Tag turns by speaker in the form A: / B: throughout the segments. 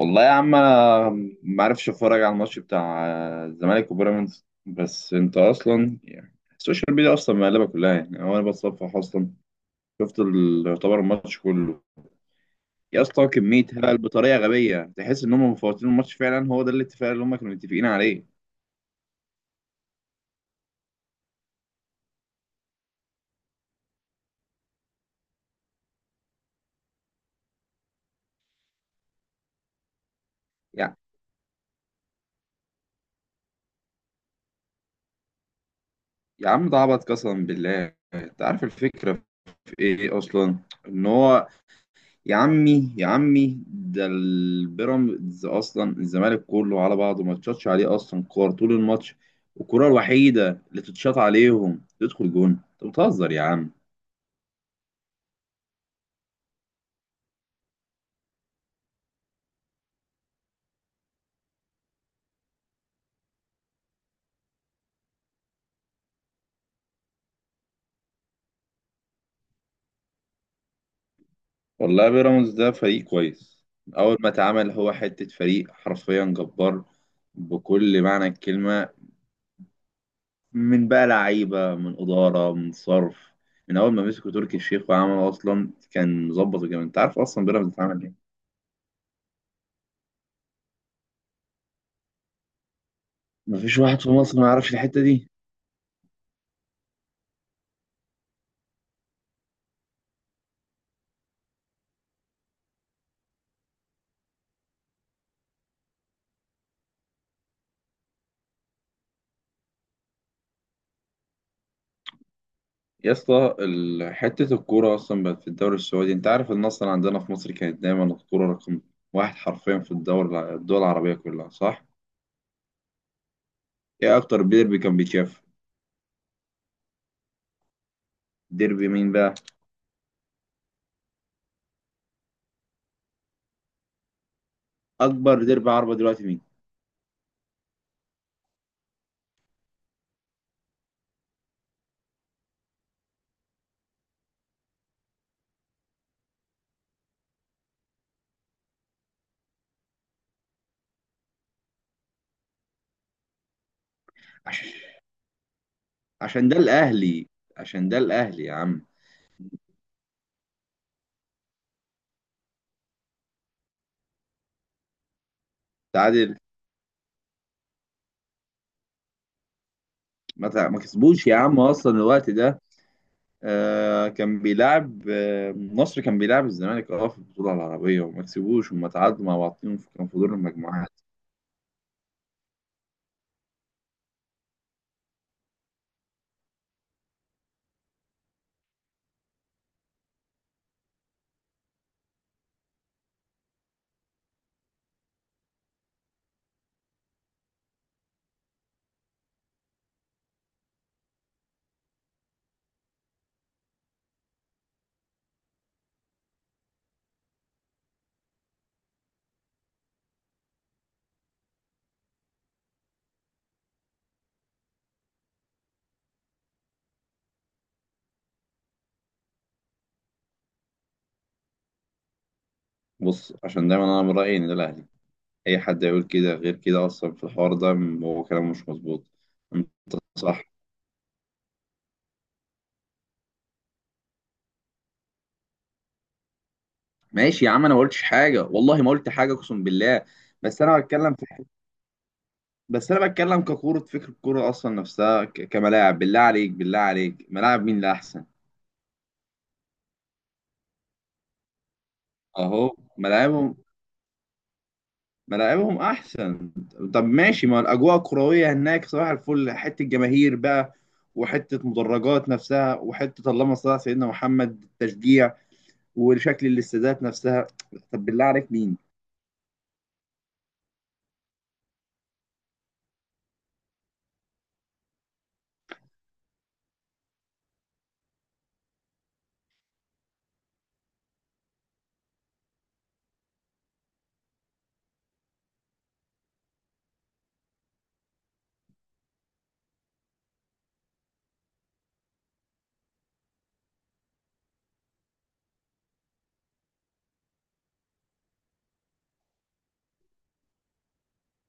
A: والله يا عم انا ما عرفش اتفرج على الماتش بتاع الزمالك وبيراميدز. بس انت اصلا يعني السوشيال ميديا اصلا مقلبه كلها، يعني هو انا بتصفح اصلا يعتبر الماتش كله. يا اسطى كميه هبل بطريقه غبيه، تحس ان هم مفوتين الماتش فعلا، هو ده الاتفاق اللي هم كانوا متفقين عليه. يعني يا عم ده عبط قسما بالله، انت عارف الفكره في ايه اصلا؟ ان هو يا عمي يا عمي ده البيراميدز اصلا الزمالك كله على بعضه ما تشطش عليه اصلا كور طول الماتش، والكرة الوحيدة اللي تتشاط عليهم تدخل جون. انت بتهزر يا عم. والله بيراميدز ده فريق كويس من اول ما اتعمل، هو حتة فريق حرفيا جبار بكل معنى الكلمة. من بقى لعيبة، من إدارة، من صرف، من أول ما مسكوا تركي الشيخ وعمل أصلا كان مظبط الجامد. أنت عارف أصلا بيراميدز اتعمل إيه؟ مفيش واحد في مصر ما يعرفش الحتة دي. حتة الكورة أصلا بقت في الدوري السعودي. أنت عارف إن أصلا عندنا في مصر كانت دايما الكورة رقم واحد حرفيا في الدوري، الدول العربية كلها، صح؟ إيه أكتر ديربي كان بيتشاف؟ ديربي مين بقى؟ أكبر ديربي عربي دلوقتي مين؟ عش- عشان ده الأهلي. عشان ده الأهلي يا عم. تعادل. ما كسبوش يا عم أصلا الوقت ده. آه كان بيلعب، آه مصر كان بيلعب الزمالك، اه في البطولة العربية، وما كسبوش وما تعادلوا مع بعضهم كان في دور المجموعات. بص، عشان دايما أنا من رأيي إن ده الأهلي. اي حد يقول كده غير كده اصلا في الحوار ده هو كلامه مش مظبوط. انت صح. ماشي يا عم، انا ما قلتش حاجه، والله ما قلت حاجه، اقسم بالله. بس انا بتكلم في بس انا بتكلم ككوره، فكر الكوره اصلا نفسها كملاعب. بالله عليك بالله عليك، ملاعب مين اللي احسن؟ اهو ملاعبهم، ملاعبهم احسن. طب ماشي، ما الاجواء الكرويه هناك صباح الفل، حته جماهير بقى، وحته مدرجات نفسها، وحته اللهم صل على سيدنا محمد التشجيع، وشكل الاستادات نفسها. طب بالله عليك مين.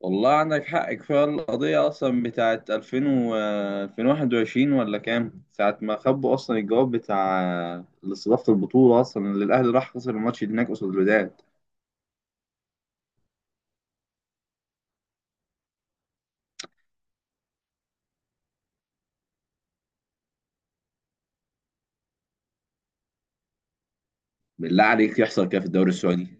A: والله عندك حق، كفاية القضية أصلا بتاعت 2000 و 2021، ولا كام ساعة ما خبوا أصلا الجواب بتاع استضافة البطولة أصلا، اللي الأهلي راح خسر الماتش هناك قصاد الوداد. بالله عليك يحصل كده في الدوري السعودي؟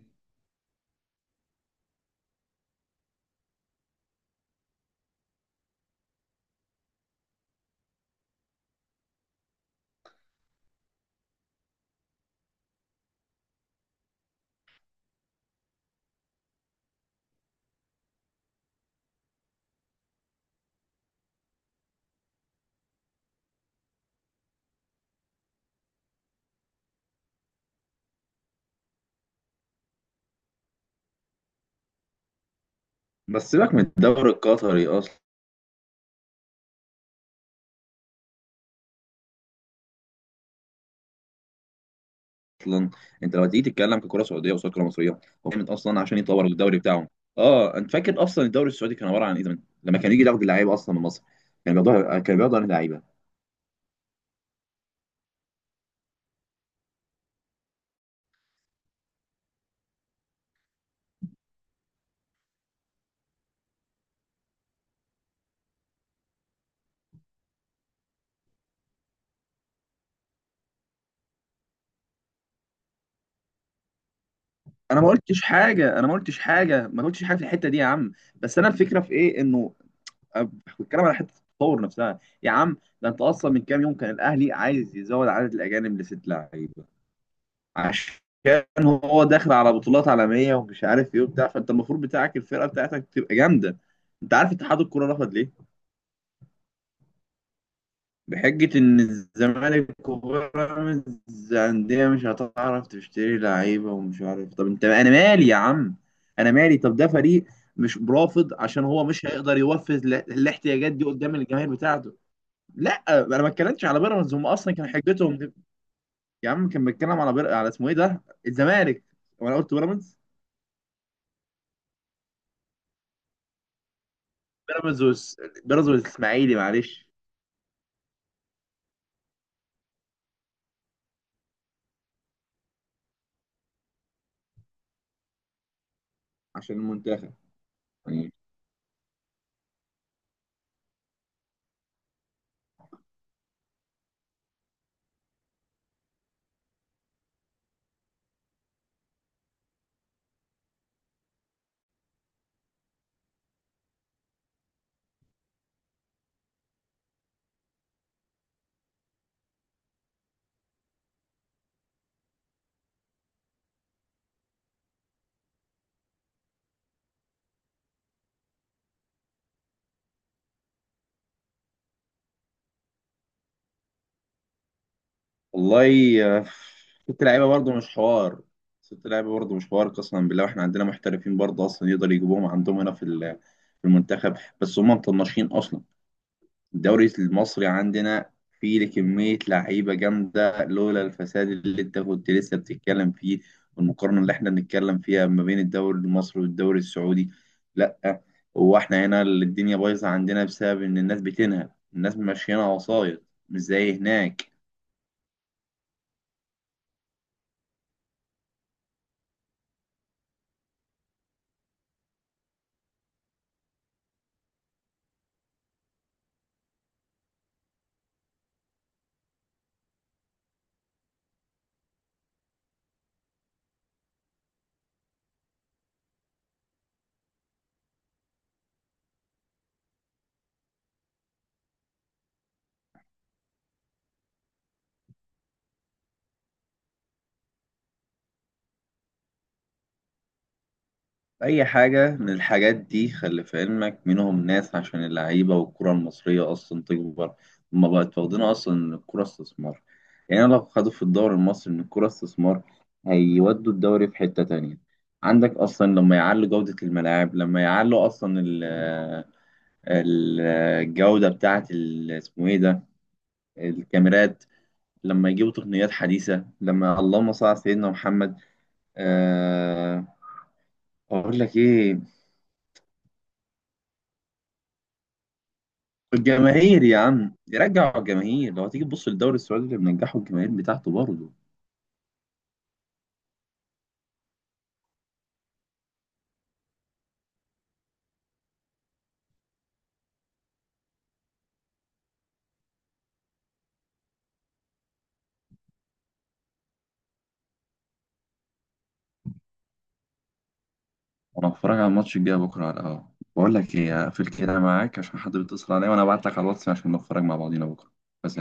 A: بس سيبك من الدوري القطري أصلا. أنت لما تيجي تتكلم ككرة سعودية قصاد كرة مصرية، هو كانت أصلا عشان يطور الدوري بتاعهم. أه أنت فاكر أصلا الدوري السعودي كان عبارة عن إيه زمان؟ لما كان يجي ياخد اللعيبة أصلا من مصر، كان بياخدوها، كان بياخدوا عن اللعيبة. انا ما قلتش حاجه ما قلتش حاجه في الحته دي يا عم، بس انا الفكره في ايه انه أب- بتكلم على حته التطور نفسها يا عم. ده انت اصلا من كام يوم كان الاهلي عايز يزود عدد الاجانب لست لعيبه، عشان هو داخل على بطولات عالميه ومش عارف ايه وبتاع، فانت المفروض بتاعك الفرقه بتاعتك تبقى جامده. انت عارف اتحاد الكوره رفض ليه؟ بحجة إن الزمالك وبيراميدز أندية مش هتعرف تشتري لعيبة، ومش عارف. طب أنت، أنا مالي يا عم؟ أنا مالي؟ طب ده فريق مش رافض عشان هو مش هيقدر يوفز الاحتياجات دي قدام الجماهير بتاعته. لا أنا ما اتكلمتش على بيراميدز، هم أصلا كان حجتهم يا عم، كان بيتكلم على على اسمه إيه ده، الزمالك، وأنا قلت بيراميدز. بيراميدز والس- بيراميدز والإسماعيلي، معلش. عشان المنتخب. والله ست لعيبه برضه مش حوار. ست لعيبه برضه مش حوار قسما بالله، واحنا عندنا محترفين برضه اصلا يقدر يجيبوهم عندهم هنا في المنتخب، بس هم مطنشين اصلا. الدوري المصري عندنا فيه كميه لعيبه جامده لولا الفساد اللي انت كنت لسه بتتكلم فيه، والمقارنه اللي احنا بنتكلم فيها ما بين الدوري المصري والدوري السعودي. لا، هو احنا هنا الدنيا بايظه عندنا بسبب ان الناس بتنهب، الناس ماشيينها وسايط، مش زي هناك. أي حاجة من الحاجات دي خلي في علمك منهم ناس عشان اللعيبة والكرة المصرية أصلا تكبر. هما بقت واخدينها أصلا إن الكرة استثمار. يعني لو خدوا في الدوري المصري إن الكرة استثمار، هيودوا الدوري في حتة تانية. عندك أصلا لما يعلوا جودة الملاعب، لما يعلوا أصلا ال- الجودة بتاعة ال- اسمه إيه ده، الكاميرات. لما يجيبوا تقنيات حديثة، لما اللهم صل على سيدنا محمد، آه، أقول لك إيه، الجماهير يا عم، يرجعوا الجماهير. لو هتيجي تبص للدوري السعودي اللي منجحه الجماهير بتاعته برضه. وانا بتفرج على الماتش الجاي بكره على القهوه. بقول لك ايه، هقفل كده معاك عشان حد بيتصل عليا، وانا ابعت لك على الواتس عشان نتفرج مع بعضينا بكره. بس.